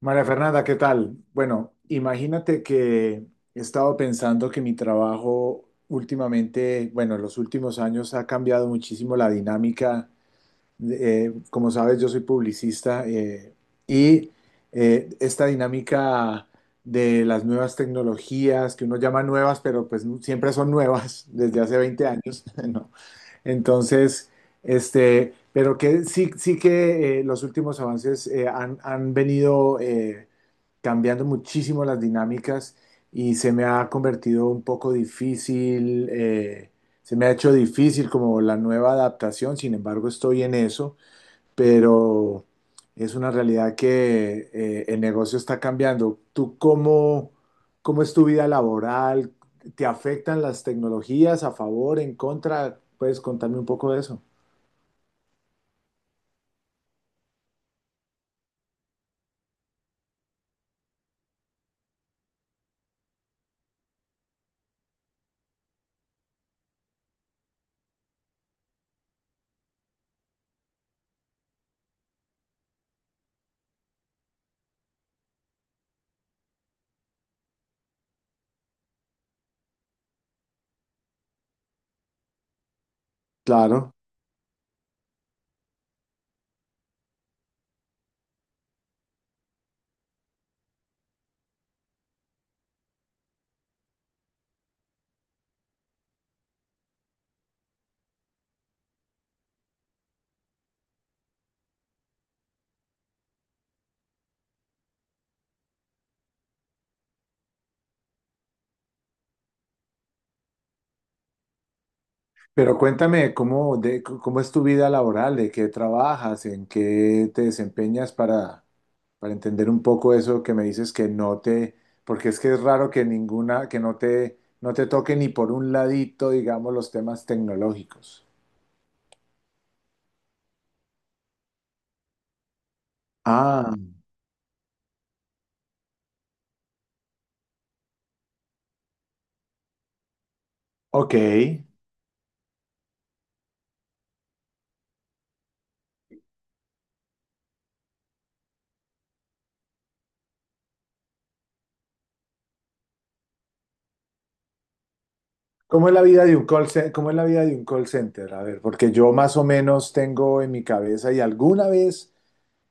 María Fernanda, ¿qué tal? Bueno, imagínate que he estado pensando que mi trabajo últimamente, bueno, en los últimos años ha cambiado muchísimo la dinámica. Como sabes, yo soy publicista y esta dinámica de las nuevas tecnologías, que uno llama nuevas, pero pues siempre son nuevas desde hace 20 años, ¿no? Entonces... Este, pero que sí que los últimos avances han venido cambiando muchísimo las dinámicas y se me ha convertido un poco difícil, se me ha hecho difícil como la nueva adaptación, sin embargo estoy en eso, pero es una realidad que el negocio está cambiando. ¿Tú cómo, cómo es tu vida laboral? ¿Te afectan las tecnologías a favor, en contra? ¿Puedes contarme un poco de eso? Claro. Pero cuéntame cómo, de, cómo es tu vida laboral, de qué trabajas, en qué te desempeñas para entender un poco eso que me dices que no te, porque es que es raro que ninguna, que no te, no te toque ni por un ladito, digamos, los temas tecnológicos. Ah, ok. ¿Cómo es la vida de un cómo es la vida de un call center? A ver, porque yo más o menos tengo en mi cabeza y alguna vez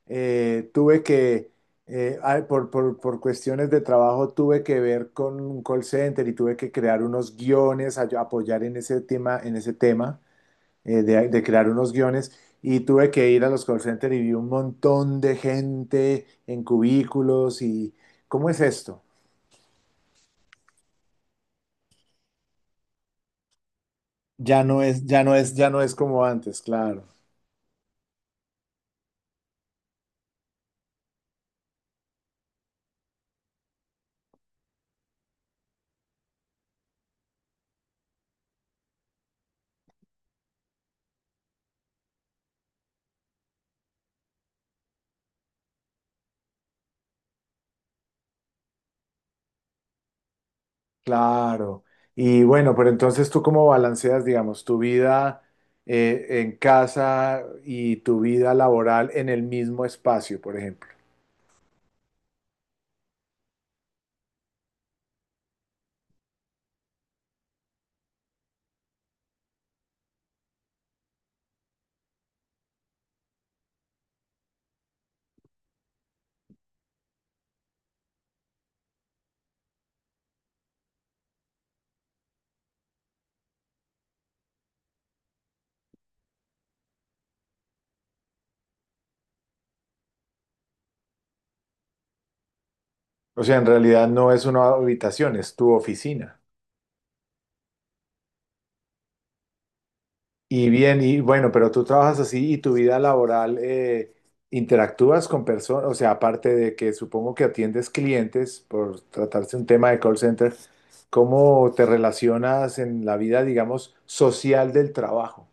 eh, tuve que, por cuestiones de trabajo, tuve que ver con un call center y tuve que crear unos guiones, apoyar en ese tema de crear unos guiones. Y tuve que ir a los call centers y vi un montón de gente en cubículos y ¿cómo es esto? Ya no es como antes, claro. Claro. Y bueno, pero entonces tú cómo balanceas, digamos, tu vida en casa y tu vida laboral en el mismo espacio, por ejemplo. O sea, en realidad no es una habitación, es tu oficina. Y bien, y bueno, pero tú trabajas así y tu vida laboral interactúas con personas, o sea, aparte de que supongo que atiendes clientes por tratarse un tema de call center, ¿cómo te relacionas en la vida, digamos, social del trabajo?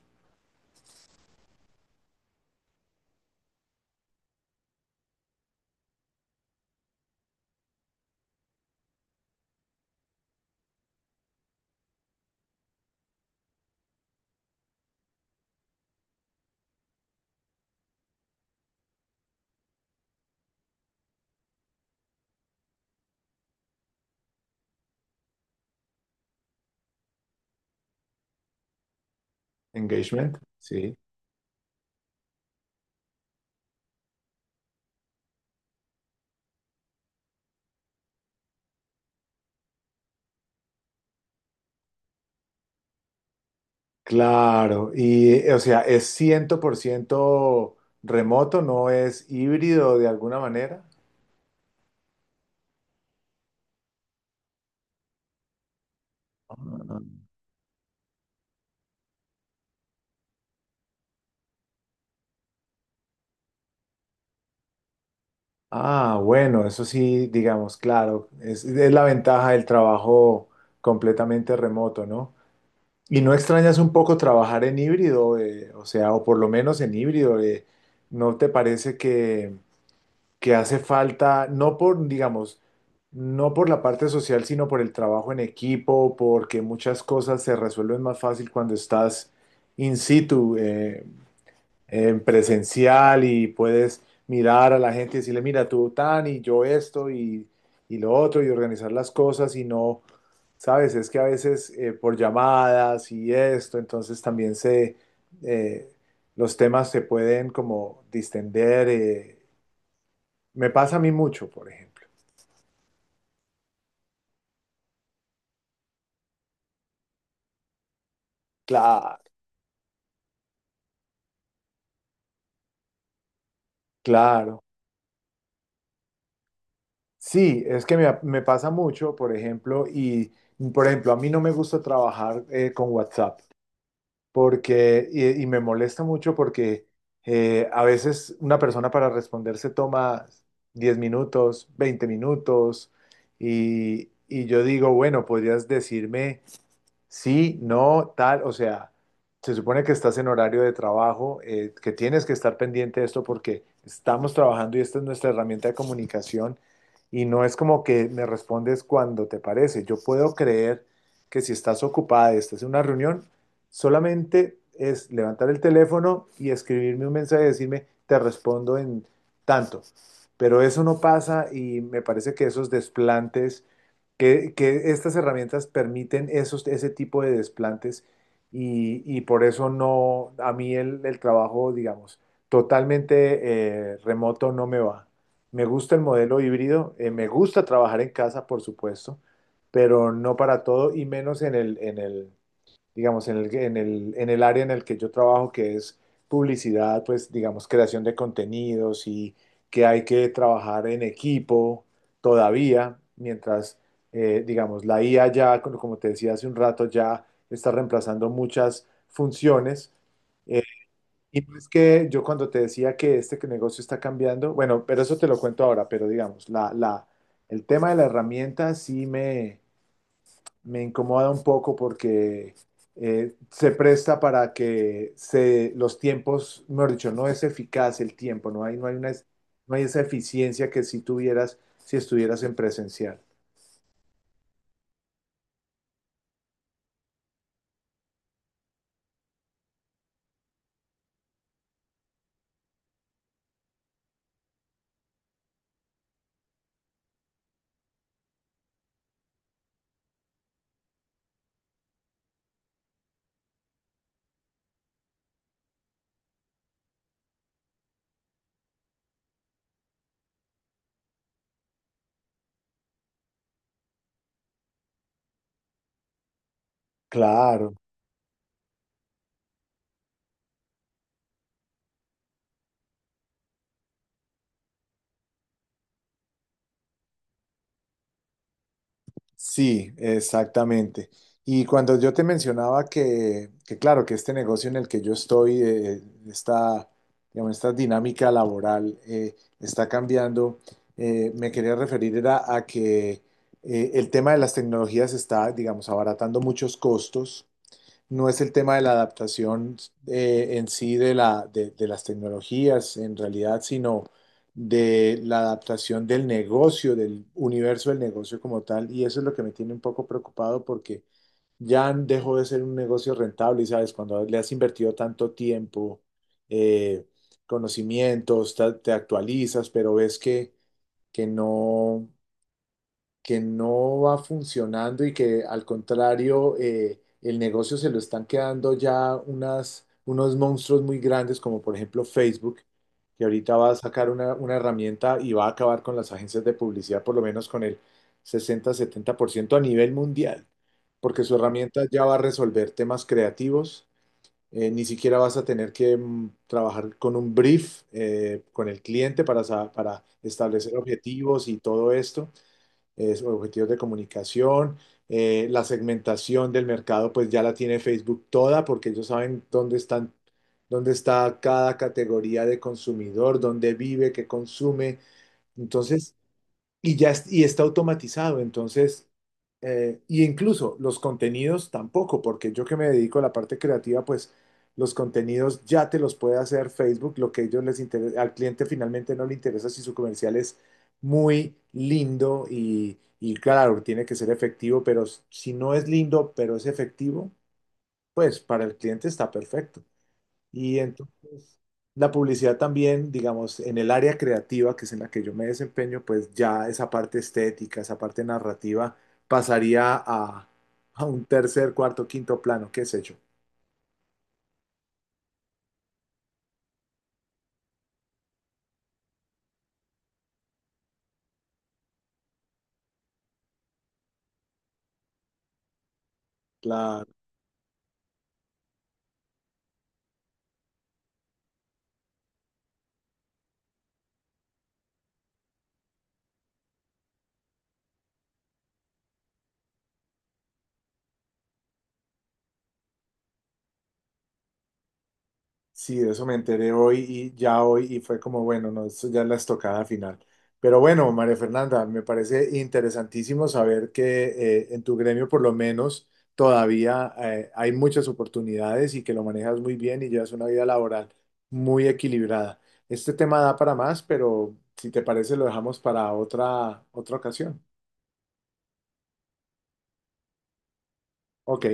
Engagement, sí. Claro, y o sea, es 100% remoto, no es híbrido de alguna manera. Ah, bueno, eso sí, digamos, claro, es la ventaja del trabajo completamente remoto, ¿no? ¿Y no extrañas un poco trabajar en híbrido, o sea, o por lo menos en híbrido, ¿no te parece que hace falta, no por, digamos, no por la parte social, sino por el trabajo en equipo, porque muchas cosas se resuelven más fácil cuando estás in situ, en presencial y puedes mirar a la gente y decirle, mira, tú tan y yo esto y lo otro y organizar las cosas y no, sabes, es que a veces por llamadas y esto, entonces también se, eh, los temas se pueden como distender. Me pasa a mí mucho, por ejemplo. Claro, claro. Sí, es que me pasa mucho, por ejemplo, y por ejemplo, a mí no me gusta trabajar con WhatsApp porque, y me molesta mucho porque a veces una persona para responder se toma 10 minutos, 20 minutos, y yo digo, bueno, podrías decirme sí, no, tal, o sea, se supone que estás en horario de trabajo, que tienes que estar pendiente de esto porque estamos trabajando y esta es nuestra herramienta de comunicación y no es como que me respondes cuando te parece. Yo puedo creer que si estás ocupada y estás en una reunión, solamente es levantar el teléfono y escribirme un mensaje y decirme, te respondo en tanto. Pero eso no pasa y me parece que esos desplantes que estas herramientas permiten esos, ese tipo de desplantes y por eso no, a mí el trabajo, digamos, totalmente remoto no me va. Me gusta el modelo híbrido, me gusta trabajar en casa, por supuesto, pero no para todo y menos digamos, en el área en el que yo trabajo, que es publicidad, pues, digamos, creación de contenidos y que hay que trabajar en equipo todavía, mientras, digamos, la IA ya, como como te decía hace un rato, ya está reemplazando muchas funciones. Eh, y no es que yo cuando te decía que este que negocio está cambiando, bueno, pero eso te lo cuento ahora, pero digamos, el tema de la herramienta sí me incomoda un poco porque se presta para que se, los tiempos, mejor dicho, no es eficaz el tiempo, una, no hay esa eficiencia que si tuvieras, si estuvieras en presencial. Claro. Sí, exactamente. Y cuando yo te mencionaba que claro, que este negocio en el que yo estoy, esta, digamos, esta dinámica laboral está cambiando, me quería referir era a que el tema de las tecnologías está, digamos, abaratando muchos costos. No es el tema de la adaptación en sí de la, de las tecnologías, en realidad, sino de la adaptación del negocio, del universo del negocio como tal. Y eso es lo que me tiene un poco preocupado porque ya dejó de ser un negocio rentable, y sabes, cuando le has invertido tanto tiempo, eh, conocimientos, actualizas, pero ves que, que no que no va funcionando y que al contrario el negocio se lo están quedando ya unas, unos monstruos muy grandes como por ejemplo Facebook, que ahorita va a sacar una herramienta y va a acabar con las agencias de publicidad por lo menos con el 60-70% a nivel mundial, porque su herramienta ya va a resolver temas creativos. Ni siquiera vas a tener que mm, trabajar con un brief con el cliente para, para establecer objetivos y todo esto es objetivos de comunicación. La segmentación del mercado, pues ya la tiene Facebook toda, porque ellos saben dónde están, dónde está cada categoría de consumidor, dónde vive, qué consume. Entonces, y está automatizado, entonces, y incluso los contenidos tampoco, porque yo que me dedico a la parte creativa, pues los contenidos ya te los puede hacer Facebook, lo que a ellos les interesa, al cliente finalmente no le interesa si su comercial es muy lindo y claro, tiene que ser efectivo, pero si no es lindo, pero es efectivo, pues para el cliente está perfecto. Y entonces la publicidad también, digamos, en el área creativa, que es en la que yo me desempeño, pues ya esa parte estética, esa parte narrativa pasaría a un tercer, cuarto, quinto plano, qué sé yo. Sí, de eso me enteré hoy y ya hoy y fue como, bueno, no, esto ya es la estocada final. Pero bueno, María Fernanda, me parece interesantísimo saber que en tu gremio por lo menos todavía hay muchas oportunidades y que lo manejas muy bien y llevas una vida laboral muy equilibrada. Este tema da para más, pero si te parece lo dejamos para otra, otra ocasión. Ok,